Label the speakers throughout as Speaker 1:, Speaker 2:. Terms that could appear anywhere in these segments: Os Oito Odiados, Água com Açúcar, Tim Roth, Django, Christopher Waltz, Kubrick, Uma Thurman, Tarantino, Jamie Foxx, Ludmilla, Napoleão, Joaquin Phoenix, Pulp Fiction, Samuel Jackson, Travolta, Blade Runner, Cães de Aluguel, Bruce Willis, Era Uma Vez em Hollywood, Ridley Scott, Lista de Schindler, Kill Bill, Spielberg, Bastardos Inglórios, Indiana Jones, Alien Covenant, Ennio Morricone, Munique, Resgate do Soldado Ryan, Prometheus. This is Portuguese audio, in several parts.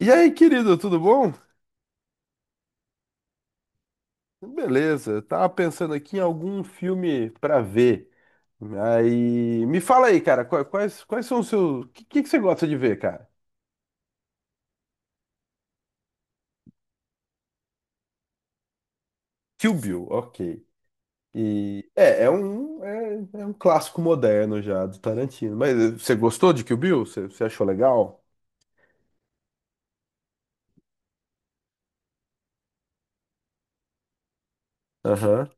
Speaker 1: E aí, querido, tudo bom? Beleza, eu tava pensando aqui em algum filme pra ver. Aí, me fala aí, cara, quais são os seus. O que você gosta de ver, cara? Kill Bill, ok. É um clássico moderno já do Tarantino. Mas você gostou de Kill Bill? Você achou legal? Aham.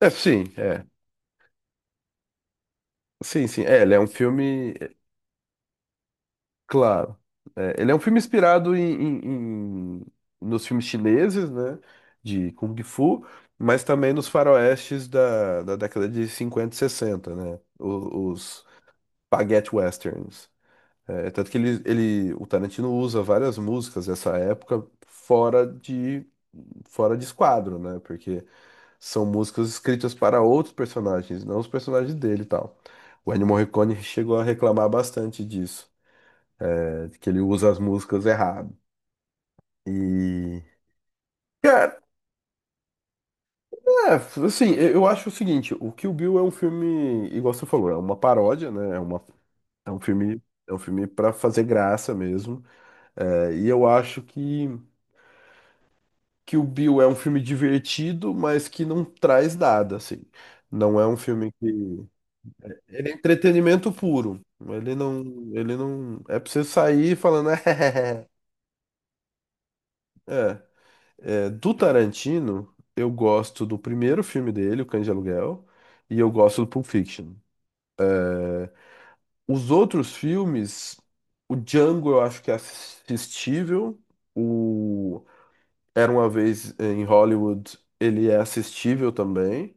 Speaker 1: É. Sim, sim. É, ele é um filme. Claro. É, ele é um filme inspirado nos filmes chineses, né? De Kung Fu, mas também nos faroestes da, da década de 50 e 60, né? Spaghetti westerns. É, tanto que o Tarantino usa várias músicas dessa época fora de esquadro, né? Porque são músicas escritas para outros personagens, não os personagens dele e tal. O Ennio Morricone chegou a reclamar bastante disso que ele usa as músicas errado. E. Cara, é, assim, eu acho o seguinte, o Kill Bill é um filme, igual você falou, é uma paródia, né? É uma, é um filme, é um filme para fazer graça mesmo. É, e eu acho que Kill Bill é um filme divertido, mas que não traz nada, assim. Não é um filme que. Ele é entretenimento puro. Ele não. Ele não. É pra você sair falando. É, é, é, é. É, do Tarantino, eu gosto do primeiro filme dele, O Cães de Aluguel, e eu gosto do Pulp Fiction. Os outros filmes, o Django eu acho que é assistível, o Era Uma Vez em Hollywood, ele é assistível também.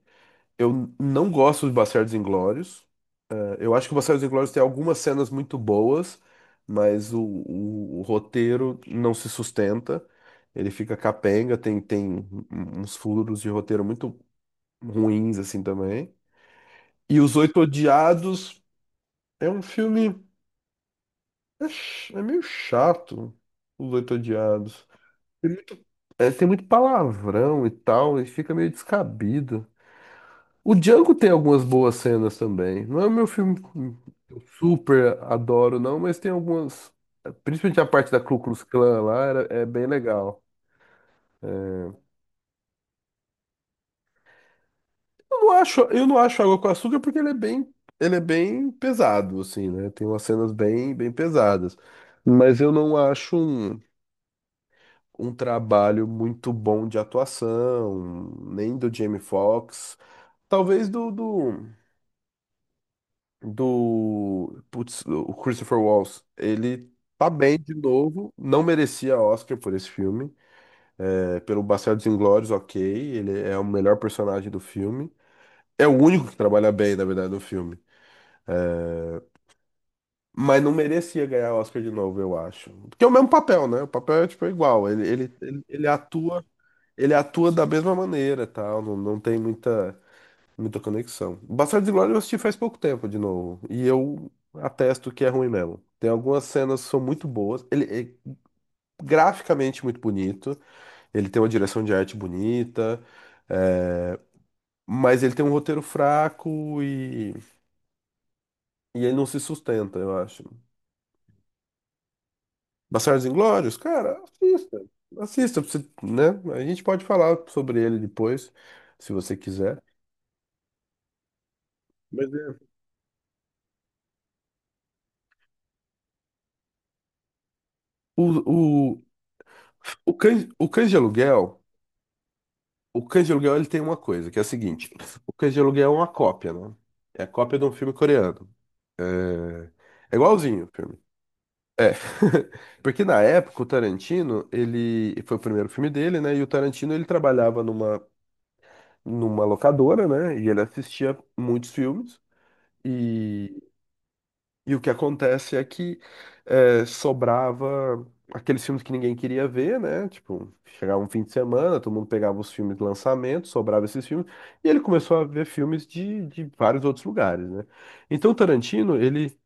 Speaker 1: Eu não gosto de Bastardos Inglórios. É, eu acho que o Bastardos Inglórios tem algumas cenas muito boas, mas o roteiro não se sustenta. Ele fica capenga, tem uns furos de roteiro muito ruins, assim, também. E Os Oito Odiados é um filme. É, é meio chato, Os Oito Odiados. Tem muito tem muito palavrão e tal, e fica meio descabido. O Django tem algumas boas cenas também. Não é o meu filme que eu super adoro, não, mas tem algumas. Principalmente a parte da Ku Klux Klan lá, é bem legal. Eu não acho Água com Açúcar porque ele é ele é bem pesado, assim, né? Tem umas cenas bem pesadas. Mas eu não acho um trabalho muito bom de atuação, nem do Jamie Foxx. Talvez do putz, o Christopher Waltz. Ele tá bem de novo, não merecia Oscar por esse filme. É, pelo Bastardos Inglórios, ok, ele é o melhor personagem do filme. É o único que trabalha bem, na verdade, no filme. Mas não merecia ganhar Oscar de novo, eu acho. Porque é o mesmo papel, né? O papel é tipo igual. Ele atua, ele atua da mesma maneira, tal. Não tem muita conexão. Bastardos e Glória eu assisti faz pouco tempo de novo. E eu atesto que é ruim mesmo. Tem algumas cenas que são muito boas. Ele é graficamente muito bonito. Ele tem uma direção de arte bonita. é, Mas ele tem um roteiro fraco e ele não se sustenta, eu acho. Bastardos Inglórios? Cara, assista. Assista, pra você, né? A gente pode falar sobre ele depois, se você quiser. Mas é. O, o, o o Cães de Aluguel, o Cães de Aluguel ele tem uma coisa, que é a seguinte. O Cães de Aluguel é uma cópia, né? É a cópia de um filme coreano. É, é igualzinho o filme. É. Porque na época o Tarantino, ele foi o primeiro filme dele, né? E o Tarantino ele trabalhava numa locadora, né? E ele assistia muitos filmes. E E o que acontece é que sobrava aqueles filmes que ninguém queria ver, né? Tipo, chegava um fim de semana, todo mundo pegava os filmes de lançamento, sobrava esses filmes, e ele começou a ver filmes de vários outros lugares, né? Então, Tarantino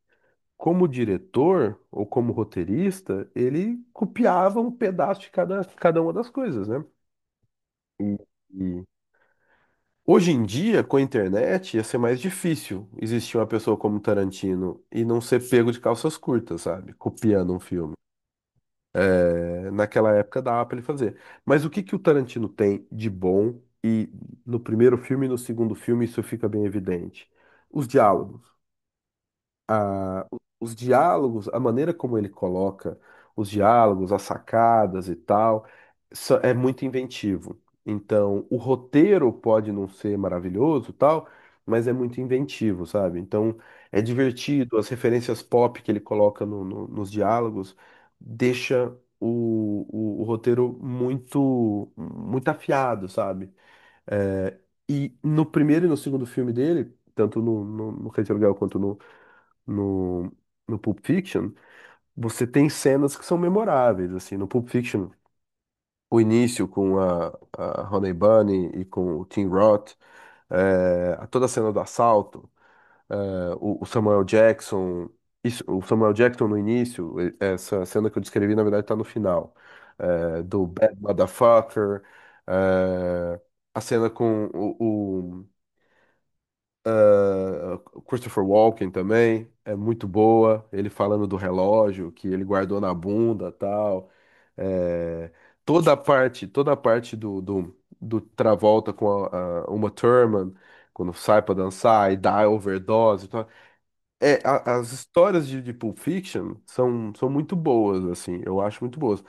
Speaker 1: como diretor ou como roteirista, ele copiava um pedaço de cada uma das coisas, né? E, hoje em dia, com a internet, ia ser mais difícil existir uma pessoa como Tarantino e não ser pego de calças curtas, sabe? Copiando um filme. É, naquela época dava pra ele fazer. Mas o que que o Tarantino tem de bom e no primeiro filme e no segundo filme isso fica bem evidente? Os diálogos a- os diálogos, a maneira como ele coloca os diálogos, as sacadas e tal, é muito inventivo. Então, o roteiro pode não ser maravilhoso, e tal, mas é muito inventivo, sabe? Então, é divertido, as referências pop que ele coloca nos diálogos deixa o roteiro muito afiado, sabe? É, e no primeiro e no segundo filme dele, tanto no Rei de Aluguel quanto no, no Pulp Fiction, você tem cenas que são memoráveis, assim, no Pulp Fiction, o início com a Honey Bunny e com o Tim Roth, a toda a cena do assalto, eh, o Samuel Jackson, isso, o Samuel Jackson no início, essa cena que eu descrevi, na verdade, está no final, do Bad Motherfucker, eh, a cena com o Christopher Walken também é muito boa. Ele falando do relógio que ele guardou na bunda, tal. É, toda a parte do Travolta com a Uma Thurman quando sai pra dançar e dá overdose e tal. É, as histórias de Pulp Fiction são muito boas, assim. Eu acho muito boas.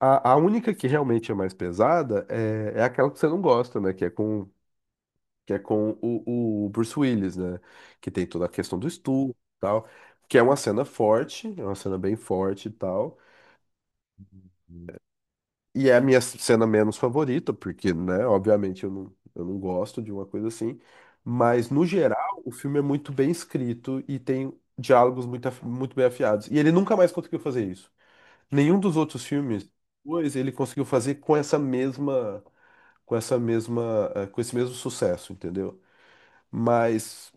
Speaker 1: A única que realmente é mais pesada é aquela que você não gosta, né? Que é com o Bruce Willis, né? Que tem toda a questão do estupro e tal, que é uma cena forte, é uma cena bem forte e tal. E é a minha cena menos favorita, porque, né, obviamente eu não gosto de uma coisa assim. Mas, no geral, o filme é muito bem escrito e tem diálogos muito bem afiados. E ele nunca mais conseguiu fazer isso. Nenhum dos outros filmes, pois, ele conseguiu fazer com com essa mesma, com esse mesmo sucesso, entendeu? Mas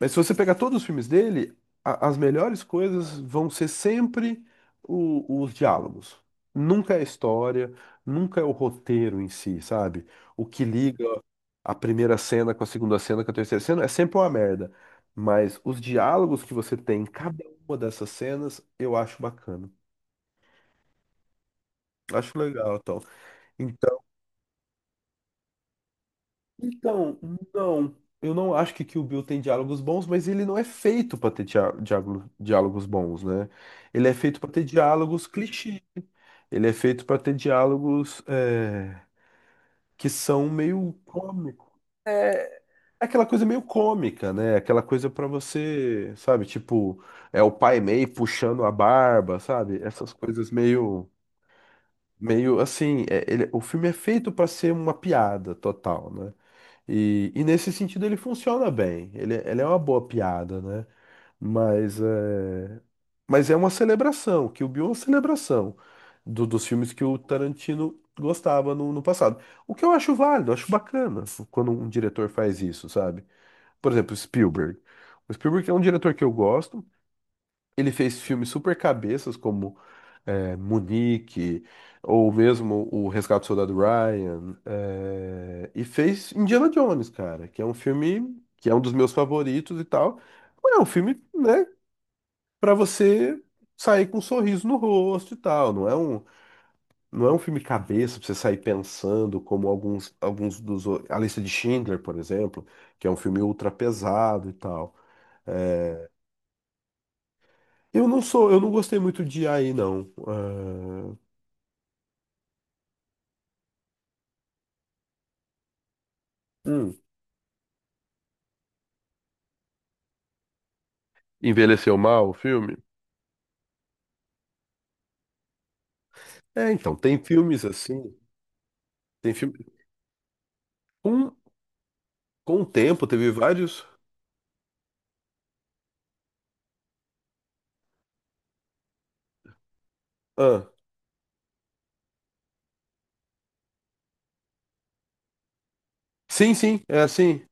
Speaker 1: Mas se você pegar todos os filmes dele, as melhores coisas vão ser sempre os diálogos. Nunca é a história, nunca é o roteiro em si, sabe? O que liga a primeira cena com a segunda cena, com a terceira cena, é sempre uma merda. Mas os diálogos que você tem em cada uma dessas cenas, eu acho bacana. Acho legal, então. Então, não. Eu não acho que Kill Bill tem diálogos bons, mas ele não é feito pra ter diálogos bons, né? Ele é feito pra ter diálogos clichê. Ele é feito pra ter diálogos que são meio cômico. É aquela coisa meio cômica, né? Aquela coisa pra você, sabe? Tipo, é o pai meio puxando a barba, sabe? Essas coisas meio assim. O filme é feito pra ser uma piada total, né? E nesse sentido ele funciona bem. Ele é uma boa piada, né? Mas é, mas é uma celebração, que o Bill é uma celebração dos filmes que o Tarantino gostava no passado. O que eu acho válido, eu acho bacana quando um diretor faz isso, sabe? Por exemplo, Spielberg. O Spielberg é um diretor que eu gosto. Ele fez filmes super cabeças, como Munique, ou mesmo o Resgate do Soldado Ryan, e fez Indiana Jones, cara, que é um filme que é um dos meus favoritos e tal. Mas é um filme, né, pra você sair com um sorriso no rosto e tal. Não é um filme cabeça pra você sair pensando, como alguns dos. A Lista de Schindler, por exemplo, que é um filme ultra pesado e tal. É, eu eu não gostei muito de aí não. Ah, hum, envelheceu mal o filme? É, então, tem filmes assim. Tem filme. Com, com o tempo, teve vários. Ah, sim, sim, é assim.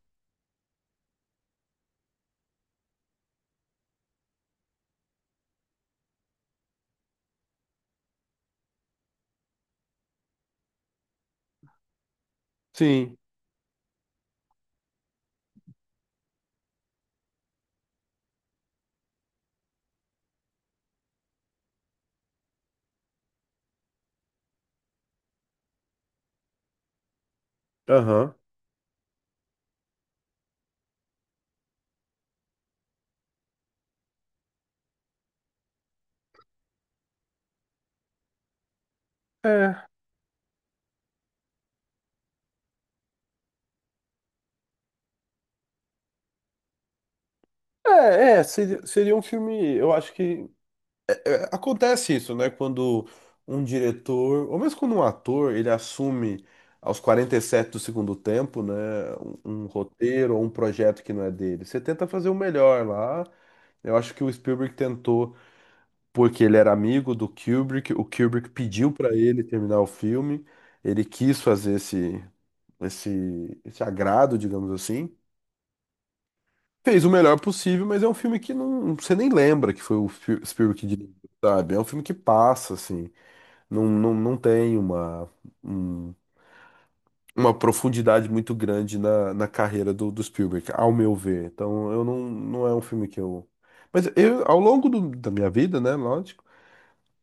Speaker 1: Sim. Aham. É. Seria um filme. Eu acho que. é, acontece isso, né? Quando um diretor, ou mesmo quando um ator, ele assume aos 47 do segundo tempo, né? Um roteiro ou um projeto que não é dele. Você tenta fazer o melhor lá. Eu acho que o Spielberg tentou, porque ele era amigo do Kubrick, o Kubrick pediu para ele terminar o filme, ele quis fazer esse agrado, digamos assim. Fez o melhor possível, mas é um filme que não, você nem lembra que foi o Spielberg que dirigiu, sabe? É um filme que passa, assim, não tem um- uma profundidade muito grande na carreira do Spielberg, ao meu ver. Então, eu não, não é um filme que eu... Mas eu, ao longo da minha vida, né, lógico,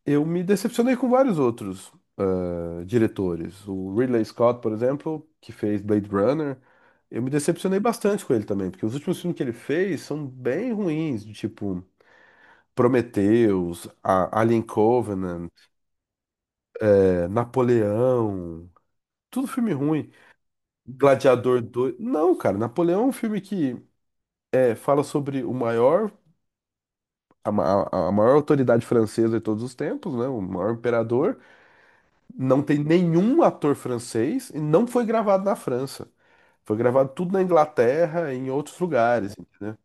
Speaker 1: eu me decepcionei com vários outros diretores. O Ridley Scott, por exemplo, que fez Blade Runner, eu me decepcionei bastante com ele também, porque os últimos filmes que ele fez são bem ruins, de tipo Prometheus, Alien Covenant, Napoleão, tudo filme ruim. Gladiador dois. Não, cara, Napoleão é um filme que fala sobre o maior, a, ma- a maior autoridade francesa de todos os tempos, né? O maior imperador. Não tem nenhum ator francês e não foi gravado na França. Foi gravado tudo na Inglaterra e em outros lugares, entendeu?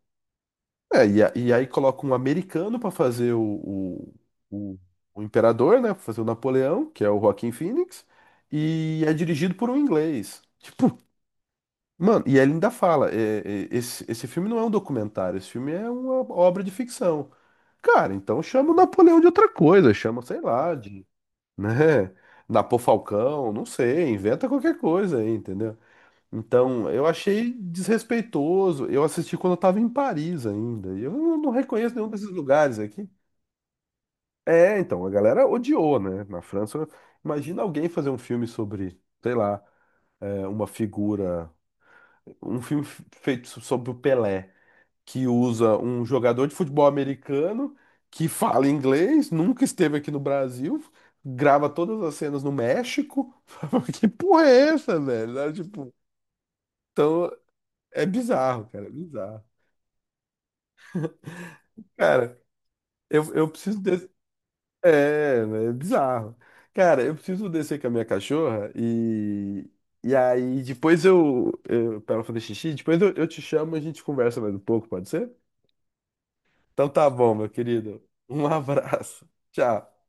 Speaker 1: É, e aí coloca um americano para fazer o- o imperador, né? Pra fazer o Napoleão, que é o Joaquin Phoenix, e é dirigido por um inglês. Tipo, mano, e ele ainda fala: esse filme não é um documentário, esse filme é uma obra de ficção. Cara, então chama o Napoleão de outra coisa, chama, sei lá, de né? Napô Falcão, não sei, inventa qualquer coisa aí, entendeu? Então, eu achei desrespeitoso. Eu assisti quando eu tava em Paris ainda. E eu não reconheço nenhum desses lugares aqui. É, então, a galera odiou, né? Na França, imagina alguém fazer um filme sobre, sei lá, uma figura, um filme feito sobre o Pelé que usa um jogador de futebol americano que fala inglês, nunca esteve aqui no Brasil, grava todas as cenas no México. Que porra é essa, velho? Sabe, tipo, então é bizarro. Cara, eu preciso desse. É, né, é bizarro. Cara, eu preciso descer com a minha cachorra e. E aí, depois eu para ela fazer xixi, depois eu te chamo e a gente conversa mais um pouco, pode ser? Então tá bom, meu querido. Um abraço. Tchau.